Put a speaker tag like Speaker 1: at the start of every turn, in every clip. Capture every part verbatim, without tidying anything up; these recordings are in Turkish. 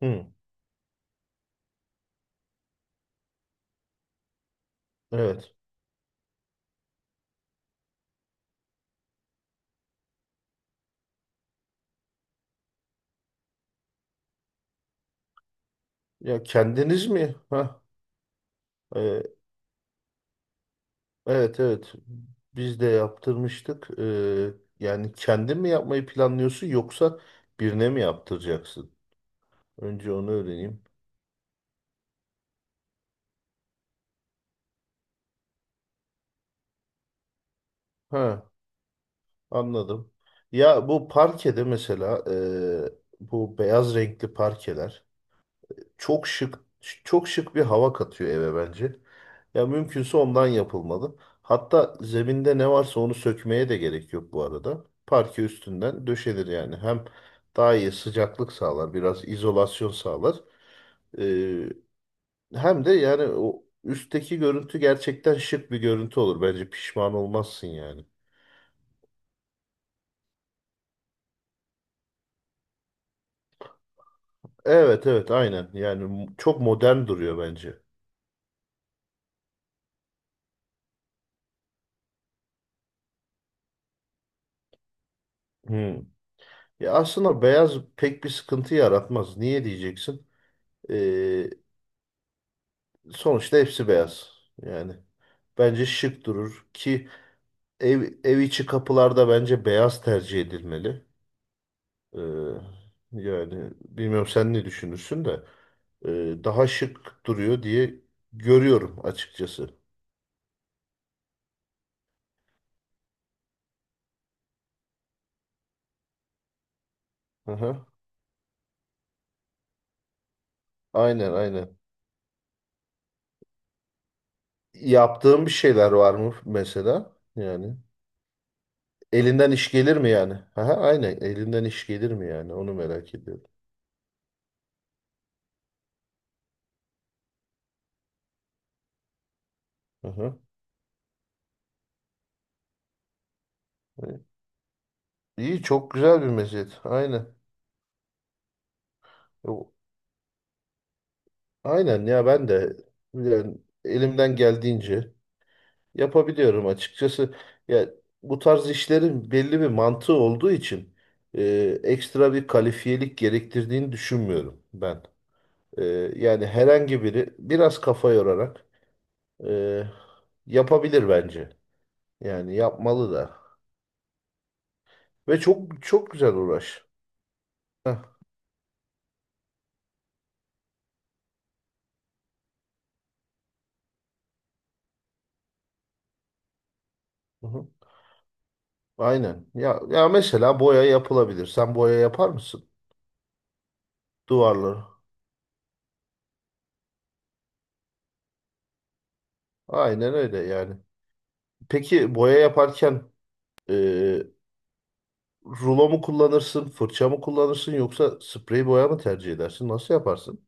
Speaker 1: Hı, evet. Ya kendiniz mi? Ha, e, evet evet. Biz de yaptırmıştık. Ee, yani kendin mi yapmayı planlıyorsun yoksa birine mi yaptıracaksın? Önce onu öğreneyim. Ha, anladım. Ya bu parkede mesela e, bu beyaz renkli parkeler. çok şık çok şık bir hava katıyor eve bence. Ya mümkünse ondan yapılmalı. Hatta zeminde ne varsa onu sökmeye de gerek yok bu arada. Parke üstünden döşenir yani. Hem daha iyi sıcaklık sağlar, biraz izolasyon sağlar. Ee, hem de yani o üstteki görüntü gerçekten şık bir görüntü olur. Bence pişman olmazsın yani. Evet evet aynen. Yani m- çok modern duruyor bence. Hmm. Ya aslında beyaz pek bir sıkıntı yaratmaz. Niye diyeceksin? Ee, Sonuçta hepsi beyaz. Yani bence şık durur ki ev, ev içi kapılarda bence beyaz tercih edilmeli. Ee, yani bilmiyorum sen ne düşünürsün de ee, daha şık duruyor diye görüyorum açıkçası. Aha, aynen aynen. Yaptığım bir şeyler var mı mesela? Yani elinden iş gelir mi yani? Aha, aynen elinden iş gelir mi yani? Onu merak ediyorum. Aha. İyi çok güzel bir meziyet. Aynen. Aynen ya ben de yani elimden geldiğince yapabiliyorum açıkçası. Ya bu tarz işlerin belli bir mantığı olduğu için e, ekstra bir kalifiyelik gerektirdiğini düşünmüyorum ben. E, yani herhangi biri biraz kafa yorarak e, yapabilir bence. Yani yapmalı da. Ve çok çok güzel uğraş. Heh, hı hı. Aynen. Ya ya mesela boya yapılabilir. Sen boya yapar mısın? Duvarları. Aynen öyle yani. Peki boya yaparken e, rulo mu kullanırsın, fırça mı kullanırsın yoksa sprey boya mı tercih edersin? Nasıl yaparsın?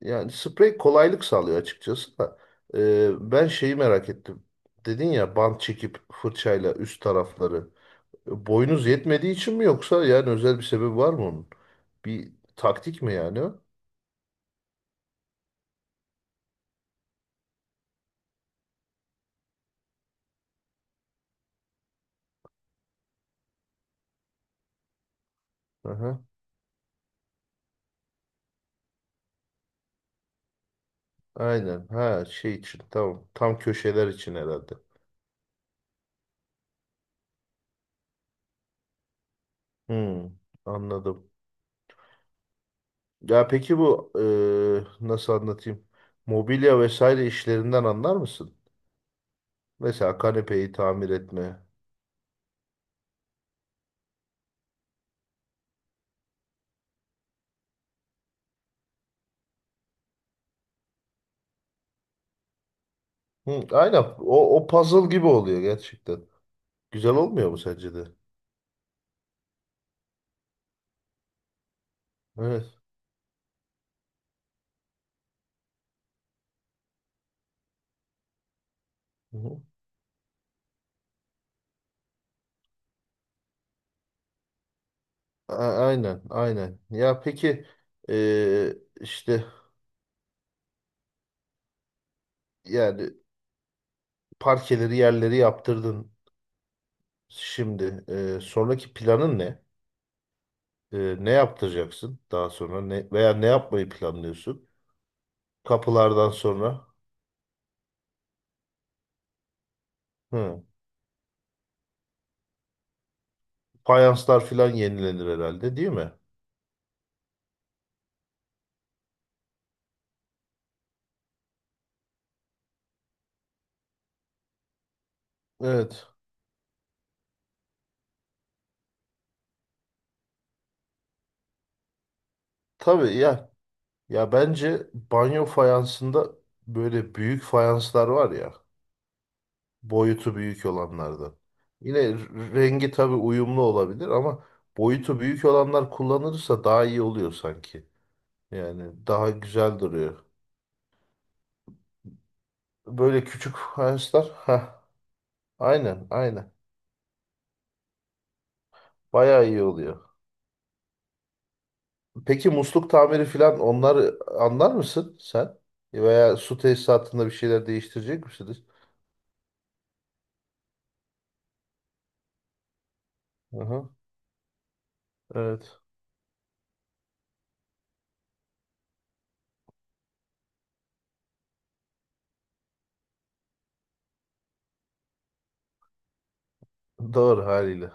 Speaker 1: Yani sprey kolaylık sağlıyor açıkçası da. E, ben şeyi merak ettim. Dedin ya bant çekip fırçayla üst tarafları. E, boyunuz yetmediği için mi yoksa yani özel bir sebebi var mı onun? Bir taktik mi yani o? Aha, aynen. Ha şey için tamam. Tam köşeler için herhalde. Hmm, anladım. Ya peki bu e, nasıl anlatayım? Mobilya vesaire işlerinden anlar mısın? Mesela kanepeyi tamir etme. Hı, aynen. O, o puzzle gibi oluyor gerçekten. Güzel olmuyor mu sence de? Evet. Hı hı. A- aynen, aynen. Ya peki e, işte yani parkeleri yerleri yaptırdın şimdi. E, sonraki planın ne? E, ne yaptıracaksın daha sonra? Ne, veya ne yapmayı planlıyorsun? Kapılardan sonra. Hı. Fayanslar filan yenilenir herhalde değil mi? Evet. Tabii ya. Ya bence banyo fayansında böyle büyük fayanslar var ya. Boyutu büyük olanlardan. Yine r- rengi tabii uyumlu olabilir ama boyutu büyük olanlar kullanılırsa daha iyi oluyor sanki. Yani daha güzel duruyor. Böyle küçük fayanslar. Heh, aynen aynen. Bayağı iyi oluyor. Peki musluk tamiri falan onları anlar mısın sen? Veya su tesisatında bir şeyler değiştirecek misiniz? Aha, evet. Doğru haliyle.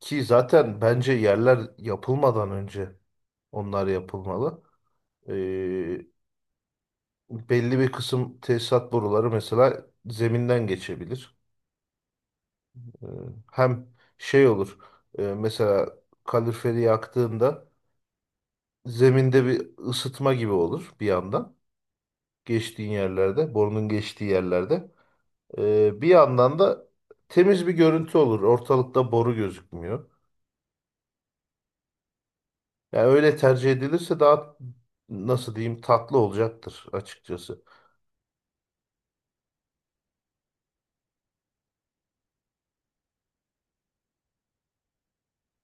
Speaker 1: Ki zaten bence yerler yapılmadan önce onlar yapılmalı. Ee, belli bir kısım tesisat boruları mesela zeminden geçebilir. Ee, hem şey olur. e, mesela kaloriferi yaktığında zeminde bir ısıtma gibi olur bir yandan. Geçtiğin yerlerde, borunun geçtiği yerlerde. Ee, bir yandan da temiz bir görüntü olur. Ortalıkta boru gözükmüyor. Yani öyle tercih edilirse daha nasıl diyeyim tatlı olacaktır açıkçası.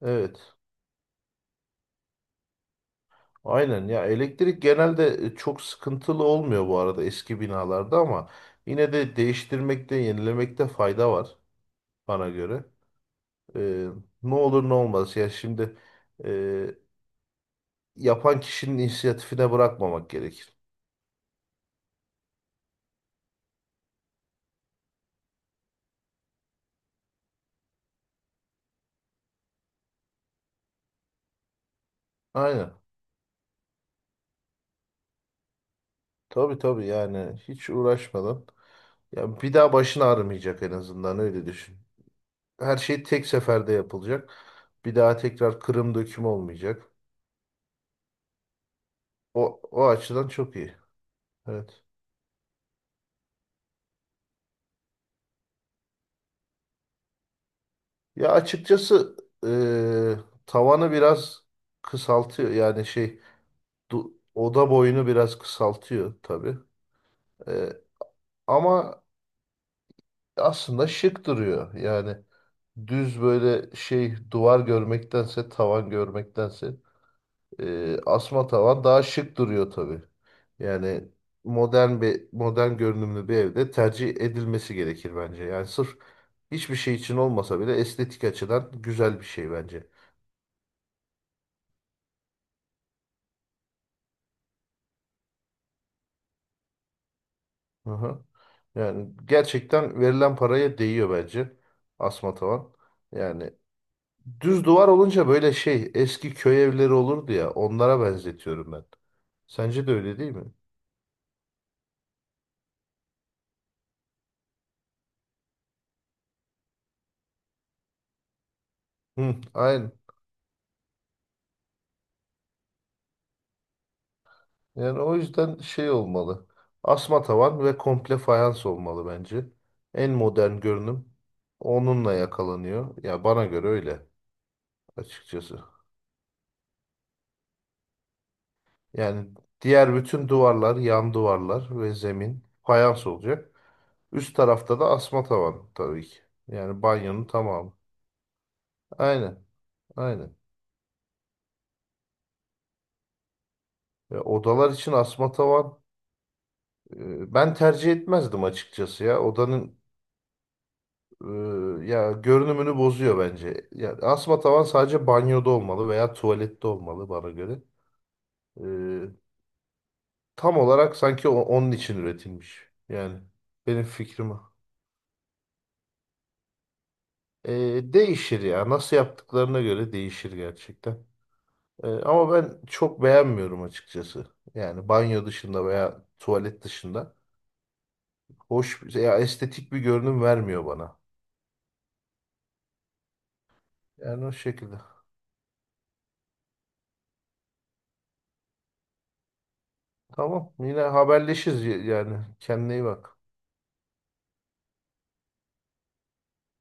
Speaker 1: Evet. Aynen ya elektrik genelde e, çok sıkıntılı olmuyor bu arada eski binalarda ama yine de değiştirmekte, yenilemekte fayda var bana göre. Ee, ne olur ne olmaz ya şimdi e, yapan kişinin inisiyatifine bırakmamak gerekir. Aynen. Tabii tabii yani hiç uğraşmadan. Ya bir daha başın ağrımayacak en azından öyle düşün. Her şey tek seferde yapılacak. Bir daha tekrar kırım döküm olmayacak. O, o açıdan çok iyi. Evet. Ya açıkçası eee, tavanı biraz kısaltıyor. Yani şey du- oda boyunu biraz kısaltıyor tabii. Eee, ama aslında şık duruyor. Yani düz böyle şey duvar görmektense tavan görmektense e, asma tavan daha şık duruyor tabii. Yani modern bir modern görünümlü bir evde tercih edilmesi gerekir bence. Yani sırf hiçbir şey için olmasa bile estetik açıdan güzel bir şey bence. Hı hı. Yani gerçekten verilen paraya değiyor bence asma tavan. Yani düz duvar olunca böyle şey eski köy evleri olurdu ya onlara benzetiyorum ben. Sence de öyle değil mi? Hı, aynen. Yani o yüzden şey olmalı. Asma tavan ve komple fayans olmalı bence. En modern görünüm onunla yakalanıyor. Ya bana göre öyle açıkçası. Yani diğer bütün duvarlar, yan duvarlar ve zemin fayans olacak. Üst tarafta da asma tavan tabii ki. Yani banyonun tamamı. Aynen, aynen. Ya odalar için asma tavan e, ben tercih etmezdim açıkçası ya. Odanın Ee, ya görünümünü bozuyor bence. Ya asma tavan sadece banyoda olmalı veya tuvalette olmalı bana göre. Ee, tam olarak sanki o- onun için üretilmiş. Yani benim fikrim o. Ee, değişir ya. Nasıl yaptıklarına göre değişir gerçekten. Ee, ama ben çok beğenmiyorum açıkçası. Yani banyo dışında veya tuvalet dışında. Hoş, ya estetik bir görünüm vermiyor bana. Yani o şekilde. Tamam. Yine haberleşiriz y- yani. Kendine iyi bak.